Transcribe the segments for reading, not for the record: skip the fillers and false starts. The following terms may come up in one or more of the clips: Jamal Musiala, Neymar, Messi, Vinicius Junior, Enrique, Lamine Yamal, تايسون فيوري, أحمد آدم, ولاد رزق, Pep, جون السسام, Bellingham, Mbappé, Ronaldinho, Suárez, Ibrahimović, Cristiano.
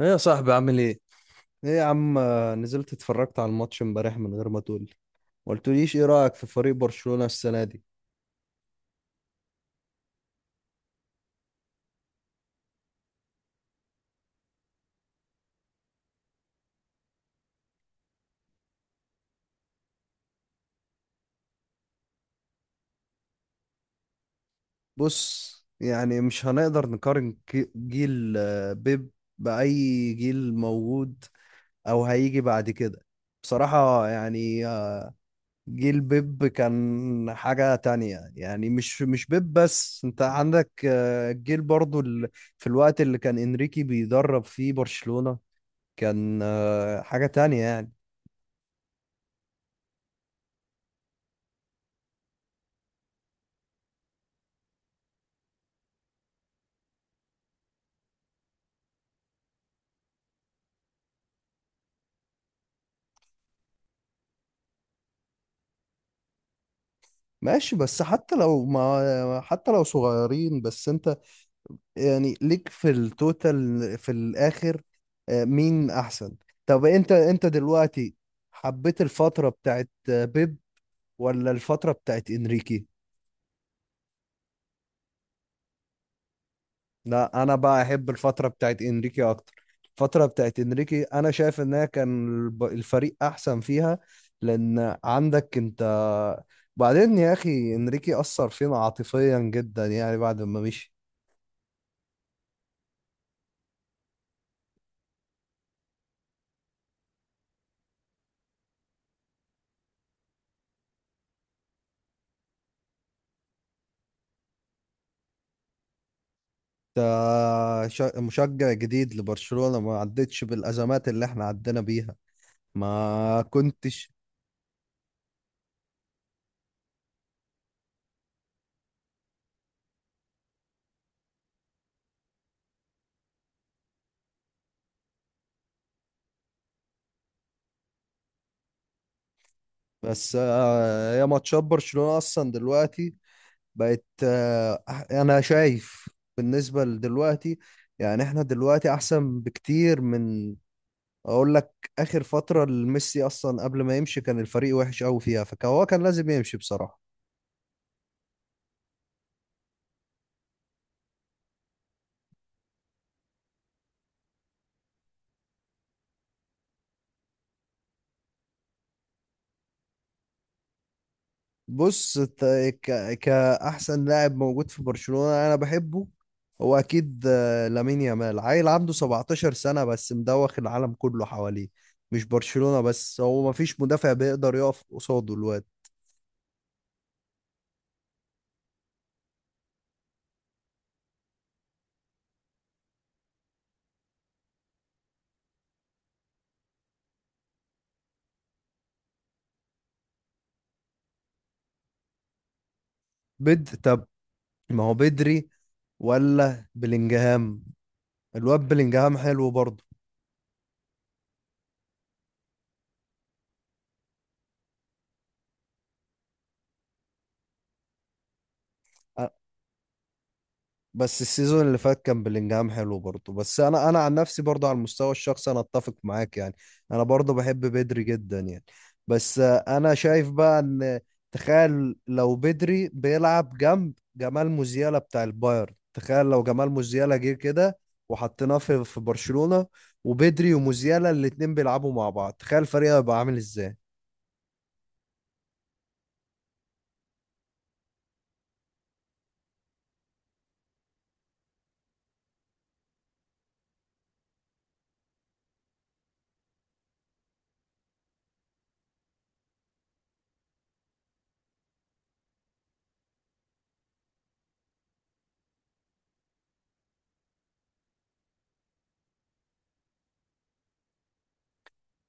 ايه يا صاحبي عامل ايه؟ ايه يا عم، نزلت اتفرجت على الماتش امبارح من غير ما تقولي. ما قلتليش، ايه رأيك في فريق برشلونة السنة دي؟ بص، يعني مش هنقدر نقارن جيل بيب بأي جيل موجود او هيجي بعد كده. بصراحة يعني، جيل بيب كان حاجة تانية. يعني مش بيب بس، انت عندك جيل برضو في الوقت اللي كان انريكي بيدرب فيه برشلونة كان حاجة تانية يعني. ماشي، بس حتى لو ما حتى لو صغيرين، بس انت يعني ليك في التوتال في الاخر مين احسن. طب انت دلوقتي حبيت الفترة بتاعت بيب ولا الفترة بتاعت انريكي؟ لا انا بقى احب الفترة بتاعت انريكي اكتر. الفترة بتاعت انريكي انا شايف انها كان الفريق احسن فيها، لان عندك انت. بعدين يا اخي انريكي اثر فينا عاطفيا جدا يعني بعد ما مشي. ده مشجع جديد لبرشلونة ما عدتش بالأزمات اللي احنا عدينا بيها، ما كنتش. بس يا ماتشات برشلونة أصلا دلوقتي بقت أنا شايف بالنسبة لدلوقتي، يعني احنا دلوقتي أحسن بكتير من، أقول لك، آخر فترة لميسي. أصلا قبل ما يمشي كان الفريق وحش أوي فيها، فهو كان لازم يمشي بصراحة. بص، كأحسن لاعب موجود في برشلونة أنا بحبه، هو أكيد لامين يامال. عيل عنده 17 سنة بس مدوخ العالم كله حواليه، مش برشلونة بس. هو مفيش مدافع بيقدر يقف قصاده الواد. طب ما هو بدري ولا بلينجهام؟ الواد بلينجهام حلو برضه. بس السيزون اللي فات كان بلينجهام حلو برضه، بس انا عن نفسي برضه على المستوى الشخصي انا اتفق معاك يعني، انا برضه بحب بدري جدا يعني. بس انا شايف بقى ان، تخيل لو بدري بيلعب جنب جمال موزيالا بتاع البايرن، تخيل لو جمال موزيالا جه كده وحطيناه في برشلونة، وبدري وموزيالا الاتنين بيلعبوا مع بعض، تخيل الفريق هيبقى عامل ازاي.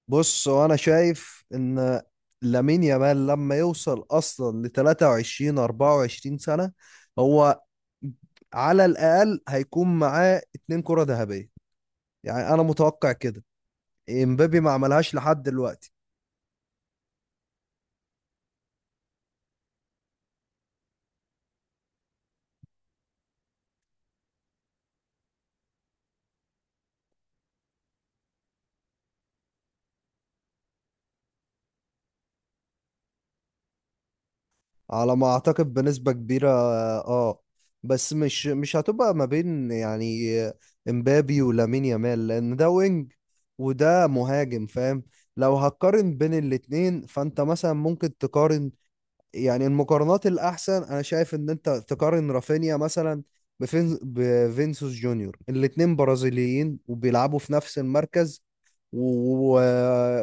بص، هو انا شايف ان لامين يامال لما يوصل اصلا ل 23 24 سنه، هو على الاقل هيكون معاه اتنين كره ذهبيه، يعني انا متوقع كده. امبابي ما عملهاش لحد دلوقتي. على ما اعتقد بنسبه كبيره، اه، بس مش هتبقى ما بين يعني امبابي ولامين يامال، لان ده وينج وده مهاجم، فاهم. لو هتقارن بين الاتنين فانت مثلا ممكن تقارن، يعني المقارنات الأحسن أنا شايف إن أنت تقارن رافينيا مثلا بفينسوس جونيور. الاتنين برازيليين وبيلعبوا في نفس المركز، و...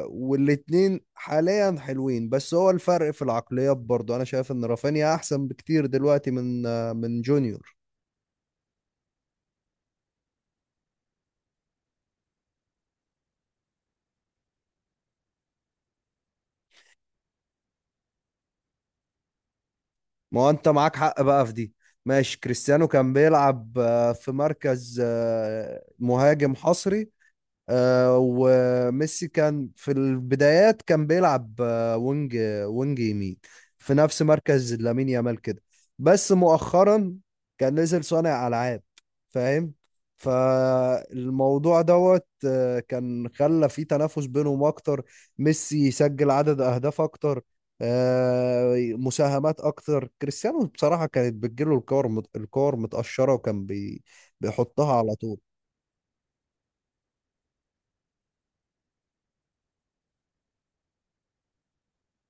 والاتنين حاليا حلوين، بس هو الفرق في العقليات برضو. أنا شايف إن رافينيا أحسن بكتير دلوقتي من جونيور. ما هو أنت معاك حق بقى في دي. ماشي، كريستيانو كان بيلعب في مركز مهاجم حصري، وميسي كان في البدايات كان بيلعب وينج، وينج يمين، في نفس مركز لامين يامال كده. بس مؤخرا كان نزل صانع ألعاب، فاهم. فالموضوع دوت كان خلى في تنافس بينهم أكتر. ميسي يسجل عدد أهداف أكتر، مساهمات أكتر. كريستيانو بصراحة كانت بتجيله الكور الكور متقشرة وكان بيحطها على طول.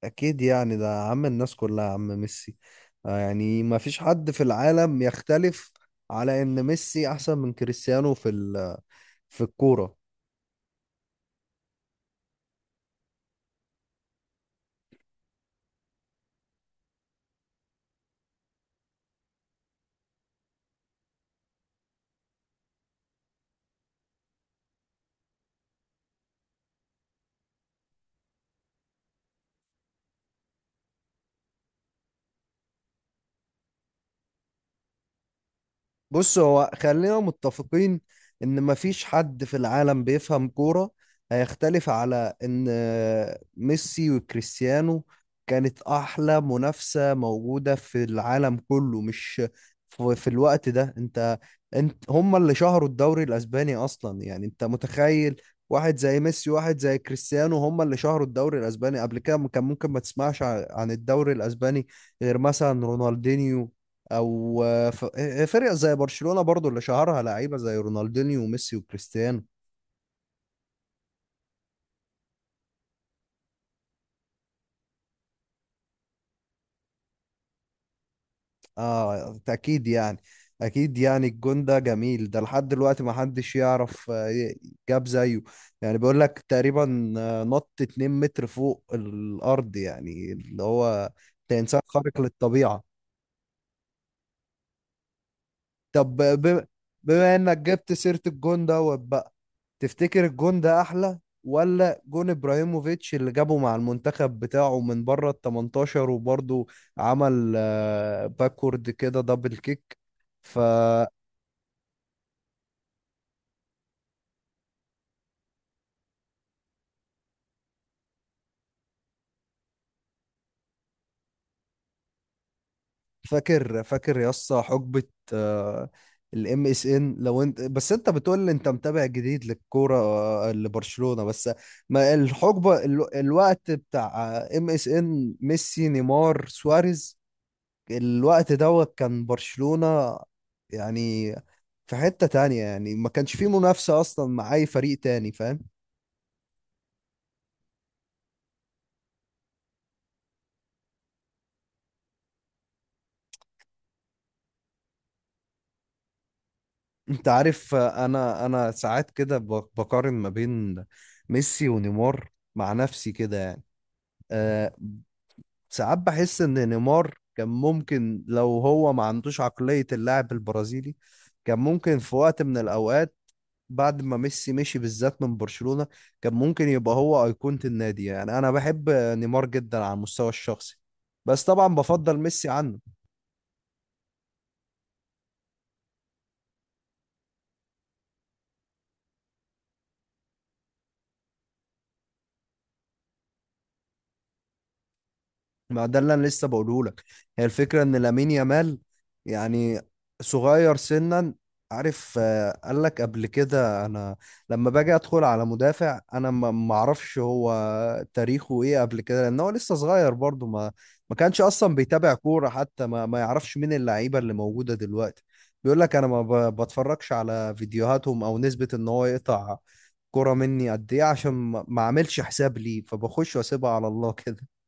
اكيد يعني، ده عم الناس كلها، عم ميسي. يعني ما فيش حد في العالم يختلف على ان ميسي احسن من كريستيانو في الكورة. بص، هو خلينا متفقين، ان ما فيش حد في العالم بيفهم كورة هيختلف على ان ميسي وكريستيانو كانت احلى منافسة موجودة في العالم كله. مش في الوقت ده انت هم اللي شهروا الدوري الاسباني اصلا يعني. انت متخيل، واحد زي ميسي واحد زي كريستيانو هم اللي شهروا الدوري الاسباني؟ قبل كده كان ممكن ما تسمعش عن الدوري الاسباني غير مثلا رونالدينيو، او فرق زي برشلونة برضو اللي شهرها لعيبة زي رونالدينيو وميسي وكريستيانو. اه اكيد يعني، اكيد يعني الجون ده جميل، ده لحد دلوقتي ما حدش يعرف جاب زيه. يعني بيقول لك تقريبا نط 2 متر فوق الارض، يعني اللي هو ده انسان خارق للطبيعة. طب بما انك جبت سيرة الجون دوت بقى، تفتكر الجون ده احلى ولا جون ابراهيموفيتش اللي جابه مع المنتخب بتاعه من بره ال 18 وبرضه عمل باكورد كده دبل كيك؟ فاكر فاكر يا اسطى حقبة الام اس ان؟ لو انت بس انت بتقول لي انت متابع جديد للكورة لبرشلونة بس. ما الحقبة الوقت بتاع ام اس ان، ميسي نيمار سواريز، الوقت دوت كان برشلونة يعني في حتة تانية يعني. ما كانش فيه منافسة اصلا مع اي فريق تاني، فاهم. انت عارف انا ساعات كده بقارن ما بين ميسي ونيمار مع نفسي كده يعني. آه، ساعات بحس ان نيمار كان ممكن، لو هو ما عندوش عقلية اللاعب البرازيلي، كان ممكن في وقت من الاوقات، بعد ما ميسي مشي بالذات من برشلونة، كان ممكن يبقى هو أيقونة النادي. يعني انا بحب نيمار جدا على المستوى الشخصي، بس طبعا بفضل ميسي عنه. ما ده اللي انا لسه بقوله لك، هي الفكره ان لامين يامال يعني صغير سنا. عارف، قال لك قبل كده انا لما باجي ادخل على مدافع انا ما اعرفش هو تاريخه ايه قبل كده، لان هو لسه صغير برضه. ما ما كانش اصلا بيتابع كوره حتى، ما يعرفش مين اللعيبه اللي موجوده دلوقتي. بيقول لك انا ما ب- بتفرجش على فيديوهاتهم، او نسبه ان هو يقطع كوره مني قد ايه عشان ما اعملش حساب ليه، فبخش واسيبها على الله كده.